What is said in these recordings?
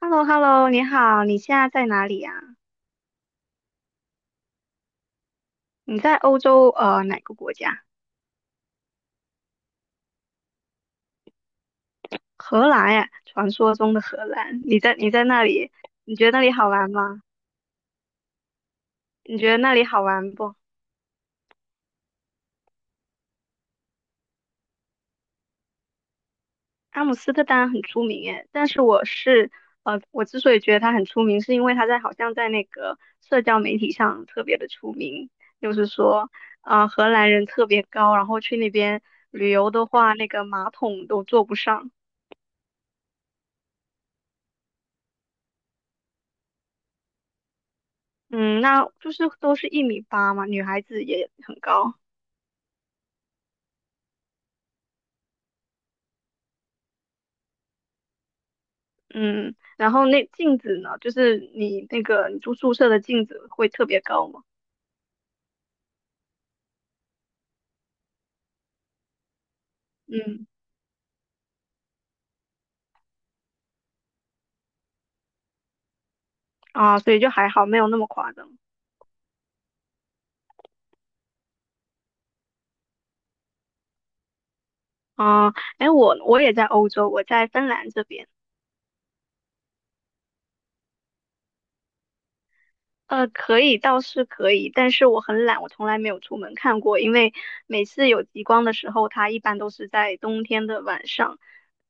h e l l o h e l l o 你好，你现在在哪里呀？你在欧洲哪个国家？荷兰呀，传说中的荷兰。你在那里，你觉得那里好玩吗？你觉得那里好玩不？阿姆斯特丹很出名诶，但是我是呃，我之所以觉得它很出名，是因为好像在那个社交媒体上特别的出名。就是说荷兰人特别高，然后去那边旅游的话，那个马桶都坐不上。嗯，那就是都是1米8嘛，女孩子也很高。嗯，然后那镜子呢，就是你那个你住宿舍的镜子会特别高嘛？嗯。啊，所以就还好，没有那么夸张。啊，哎，我也在欧洲，我在芬兰这边。可以，倒是可以，但是我很懒，我从来没有出门看过。因为每次有极光的时候，它一般都是在冬天的晚上，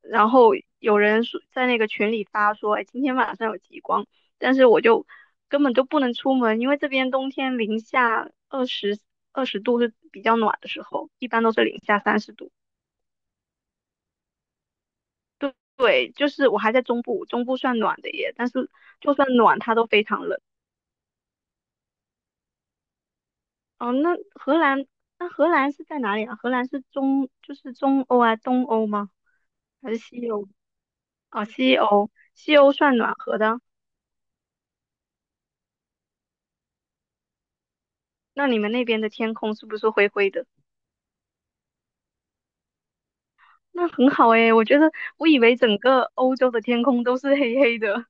然后有人说在那个群里发说：哎，今天晚上有极光。但是我就根本就不能出门，因为这边冬天零下二十度是比较暖的时候，一般都是零下30度。对，就是我还在中部，中部算暖的耶，但是就算暖，它都非常冷。哦，那荷兰，那荷兰是在哪里啊？荷兰就是中欧啊，东欧吗？还是西欧？哦，西欧，西欧算暖和的。那你们那边的天空是不是灰灰的？那很好诶。我觉得我以为整个欧洲的天空都是黑黑的。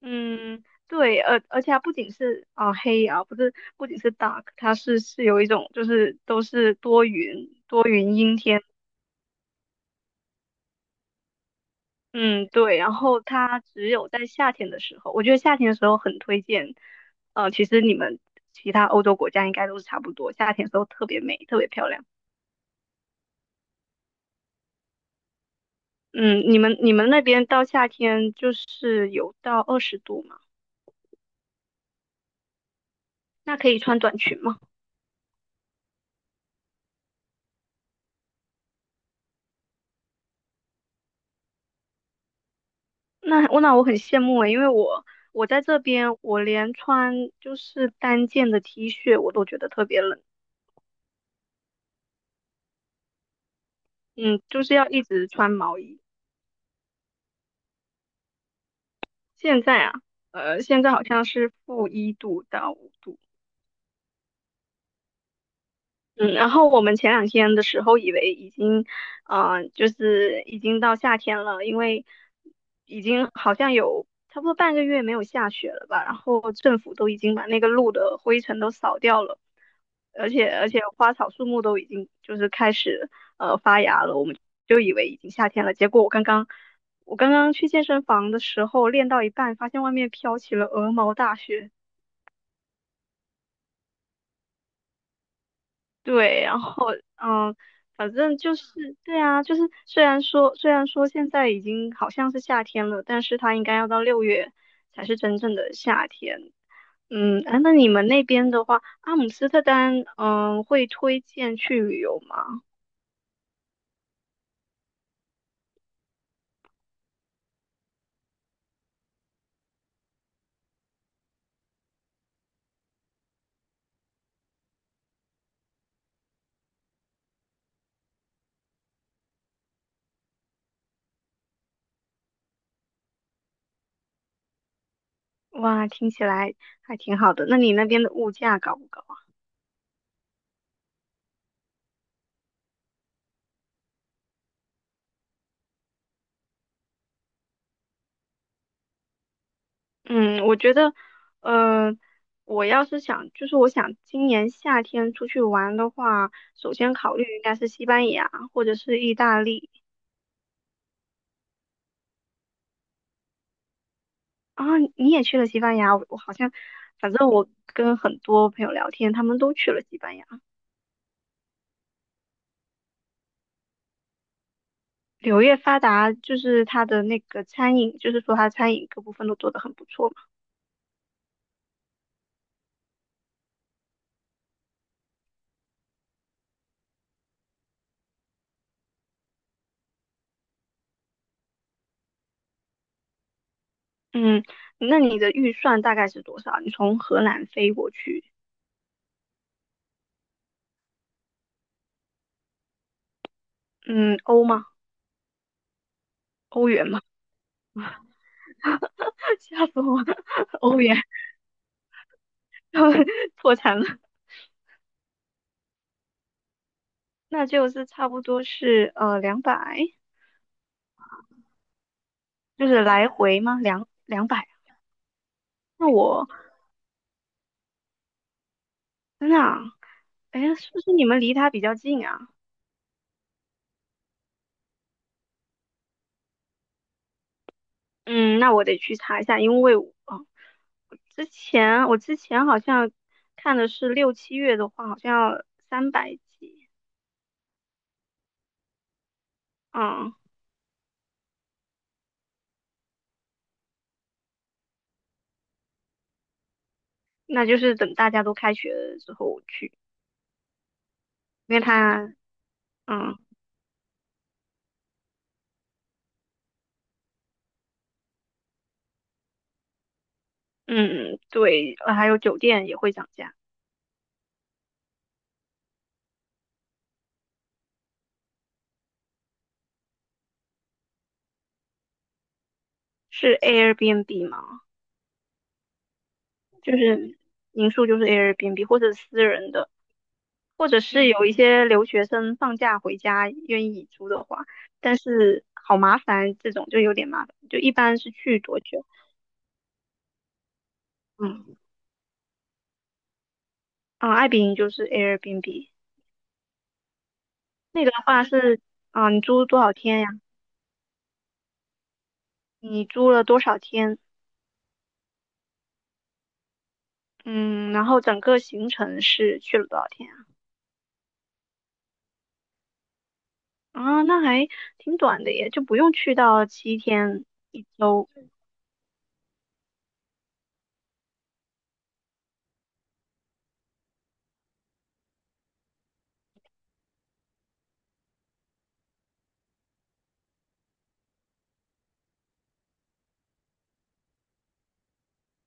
嗯，对，而它不仅是啊、黑啊，不仅是 dark，它是有一种就是都是多云阴天。嗯，对，然后它只有在夏天的时候，我觉得夏天的时候很推荐。呃，其实你们其他欧洲国家应该都是差不多，夏天的时候特别美，特别漂亮。嗯，你们那边到夏天就是有到二十度嘛？那可以穿短裙吗？那我很羡慕诶，因为我在这边，我连穿就是单件的 T 恤我都觉得特别冷。嗯，就是要一直穿毛衣。现在啊。现在好像是-1度到5度。嗯，然后我们前两天的时候以为已经，就是已经到夏天了，因为已经好像有差不多半个月没有下雪了吧，然后政府都已经把那个路的灰尘都扫掉了，而且花草树木都已经就是开始发芽了。我们就以为已经夏天了，结果我刚刚去健身房的时候练到一半，发现外面飘起了鹅毛大雪。对。然后嗯，反正就是，对啊，就是虽然说现在已经好像是夏天了，但是它应该要到6月才是真正的夏天。嗯。啊，那你们那边的话，阿姆斯特丹，嗯，会推荐去旅游吗？哇，听起来还挺好的。那你那边的物价高不高啊？嗯，我觉得，呃，我要是想，就是我想今年夏天出去玩的话，首先考虑应该是西班牙或者是意大利。啊，你也去了西班牙？我我好像，反正我跟很多朋友聊天，他们都去了西班牙。柳叶发达就是它的那个餐饮，就是说它餐饮各部分都做得很不错嘛。嗯，那你的预算大概是多少？你从荷兰飞过去，嗯，欧吗？欧元吗？吓死我了。欧元。破产了。那就是差不多是两百，两百就是来回吗？两百啊。那我真的啊？哎，是不是你们离他比较近啊？嗯，那我得去查一下，因为我之前好像看的是6、7月的话，好像要300几。嗯，那就是等大家都开学了之后我去，因为它，嗯。嗯，对，还有酒店也会涨价。是 Airbnb 吗？就是民宿就是 Airbnb 或者私人的，或者是有一些留学生放假回家愿意租的话，但是好麻烦，这种就有点麻烦，就一般是去多久？嗯。啊，爱彼迎就是 Airbnb。那个的话是啊，你租多少天呀？你租了多少天？嗯，然后整个行程是去了多少天啊？啊，那还挺短的耶，就不用去到7天一周。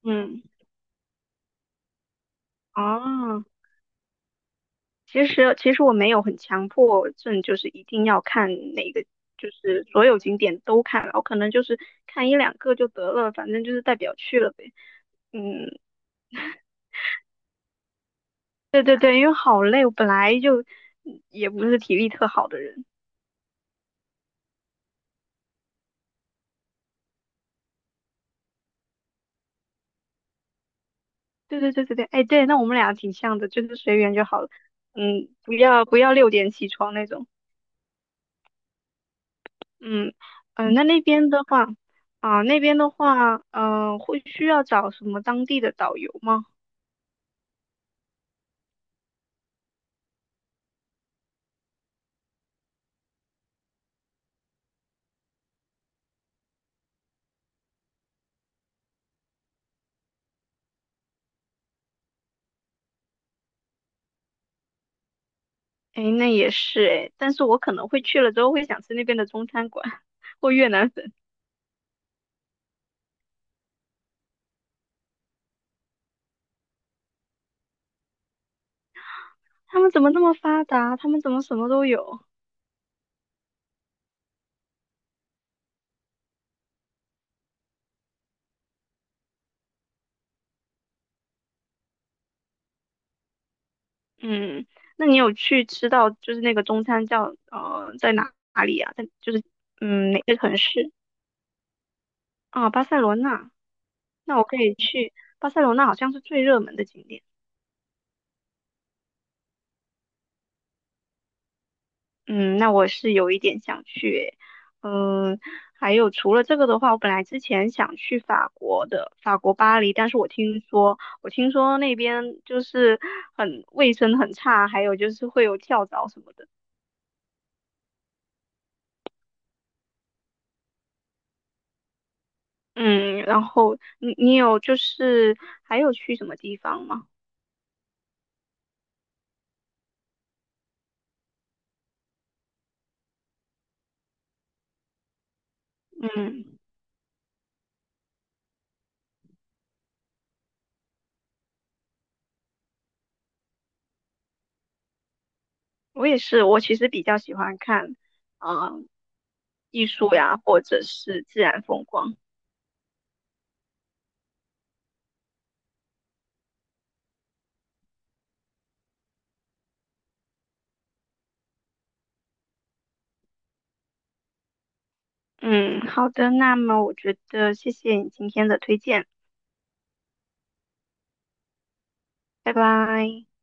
嗯。啊，其实我没有很强迫症，就是一定要看哪个，就是所有景点都看了，我可能就是看一两个就得了，反正就是代表去了呗。嗯，对对对，因为好累，我本来就也不是体力特好的人。对对对对对，哎，对，那我们俩挺像的，就是随缘就好了。嗯，不要，不要6点起床那种。嗯。嗯、那那边的话，啊、那边的话，嗯、会需要找什么当地的导游吗？哎，那也是哎，但是我可能会去了之后会想吃那边的中餐馆 或越南粉。他们怎么那么发达？他们怎么什么都有？嗯，那你有去吃到就是那个中餐叫在哪里啊？在就是嗯哪个城市啊？巴塞罗那。那我可以去巴塞罗那，好像是最热门的景点。嗯，那我是有一点想去诶。嗯，还有除了这个的话，我本来之前想去法国的，法国巴黎，但是我听说那边就是很卫生很差，还有就是会有跳蚤什么的。嗯，然后你有就是还有去什么地方吗？嗯，我也是，我其实比较喜欢看啊、呃艺术呀，或者是自然风光。嗯，好的，那么我觉得谢谢你今天的推荐。拜拜。